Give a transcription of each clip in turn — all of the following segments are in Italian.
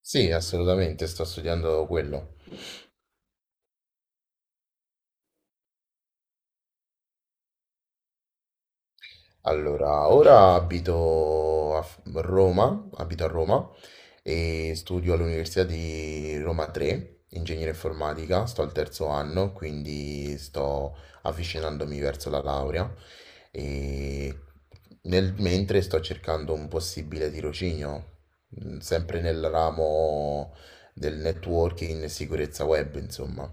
Sì, assolutamente, sto studiando quello. Allora, ora abito a Roma e studio all'Università di Roma 3, ingegneria informatica, sto al terzo anno, quindi sto avvicinandomi verso la laurea e nel mentre sto cercando un possibile tirocinio, sempre nel ramo del networking e sicurezza web, insomma.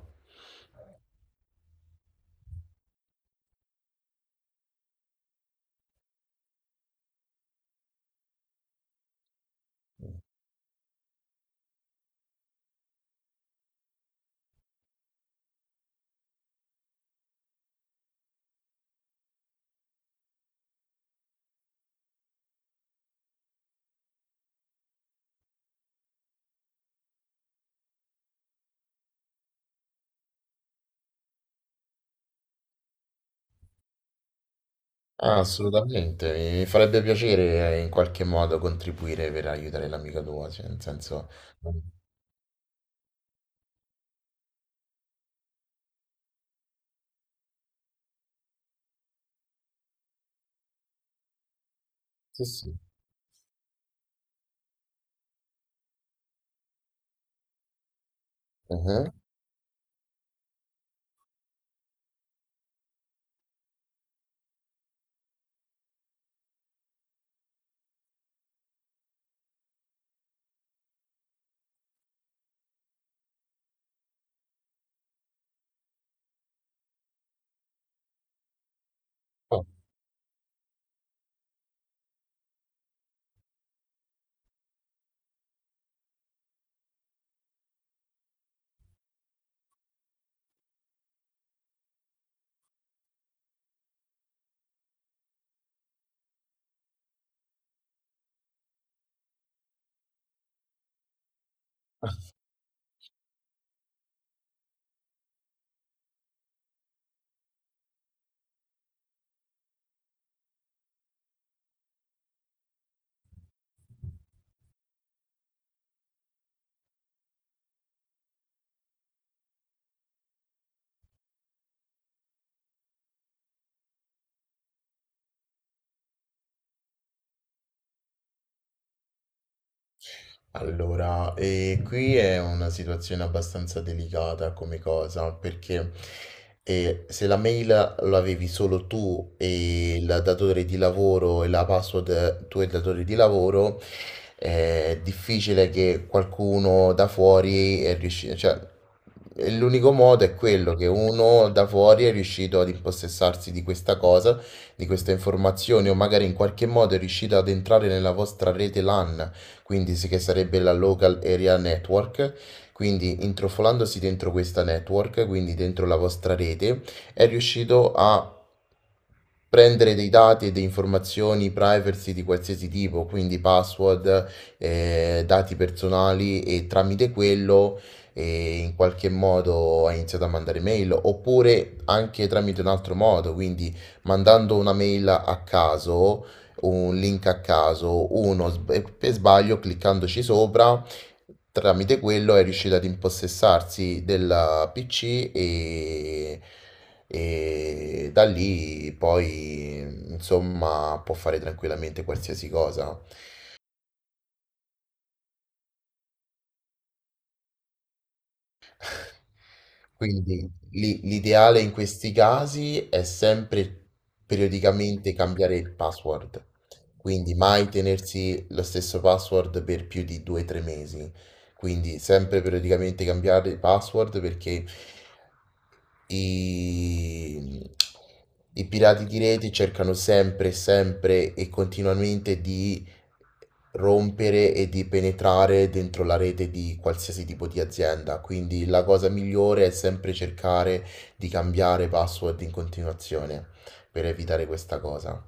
Ah, assolutamente, mi farebbe piacere, in qualche modo contribuire per aiutare l'amica tua, cioè nel senso... mm, Sì, sì. Mhm. Allora, qui è una situazione abbastanza delicata come cosa, perché se la mail lo avevi solo tu e il datore di lavoro e la password tu e il datore di lavoro, è difficile che qualcuno da fuori è riuscito, cioè e l'unico modo è quello che uno da fuori è riuscito ad impossessarsi di questa cosa, di questa informazione o magari in qualche modo è riuscito ad entrare nella vostra rete LAN, quindi che sarebbe la Local Area Network. Quindi intrufolandosi dentro questa network, quindi dentro la vostra rete, è riuscito a prendere dei dati e delle informazioni privacy di qualsiasi tipo, quindi password, dati personali, e tramite quello in qualche modo ha iniziato a mandare mail oppure anche tramite un altro modo, quindi mandando una mail a caso, un link a caso, uno per sbaglio cliccandoci sopra, tramite quello è riuscito ad impossessarsi del PC e, e da lì poi insomma può fare tranquillamente qualsiasi cosa. Quindi l'ideale in questi casi è sempre periodicamente cambiare il password, quindi mai tenersi lo stesso password per più di 2-3 mesi, quindi sempre periodicamente cambiare il password perché i, i pirati di rete cercano sempre, sempre e continuamente di rompere e di penetrare dentro la rete di qualsiasi tipo di azienda. Quindi la cosa migliore è sempre cercare di cambiare password in continuazione per evitare questa cosa.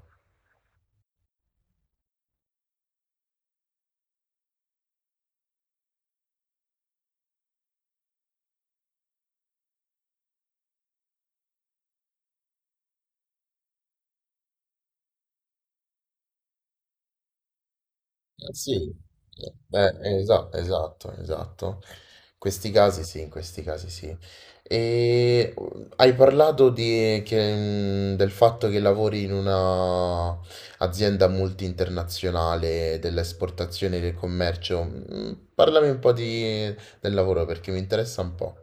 Sì, beh, esatto, esatto. Questi casi sì, in questi casi sì. E hai parlato del fatto che lavori in una azienda multi-internazionale dell'esportazione e del commercio. Parlami un po' del lavoro perché mi interessa un po'.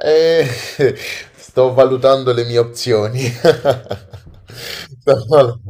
Eh, sto valutando le mie opzioni. Sto valut-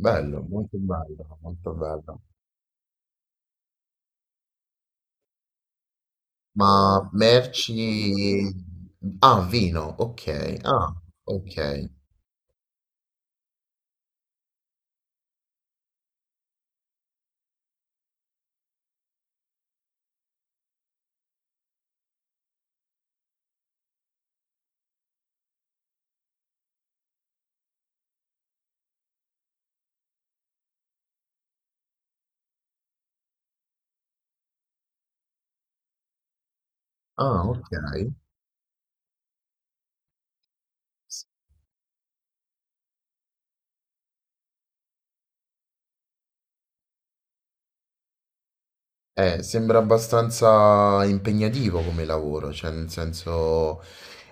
Bello, molto bello, molto bello. Ma merci... Ah, vino, ok. Ah, ok. Ah, ok. Sembra abbastanza impegnativo come lavoro, cioè nel senso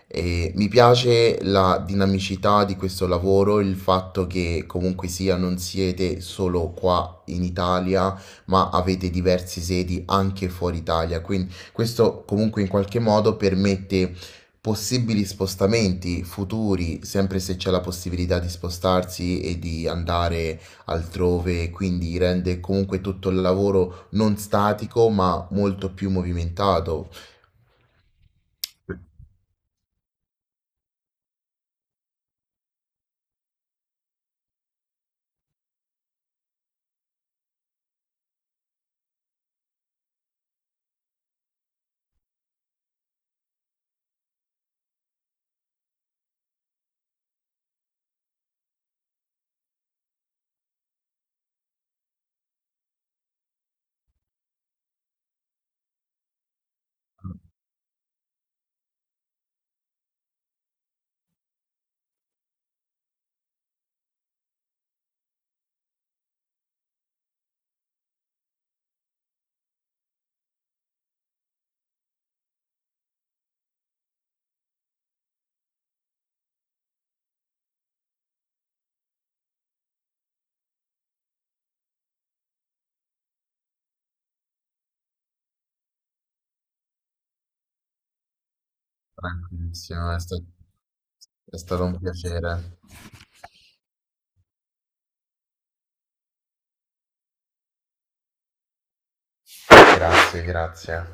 mi piace la dinamicità di questo lavoro, il fatto che comunque sia non siete solo qua in Italia, ma avete diverse sedi anche fuori Italia, quindi questo comunque in qualche modo permette possibili spostamenti futuri, sempre se c'è la possibilità di spostarsi e di andare altrove, quindi rende comunque tutto il lavoro non statico, ma molto più movimentato. Bravissima, è stato un piacere. Grazie, grazie.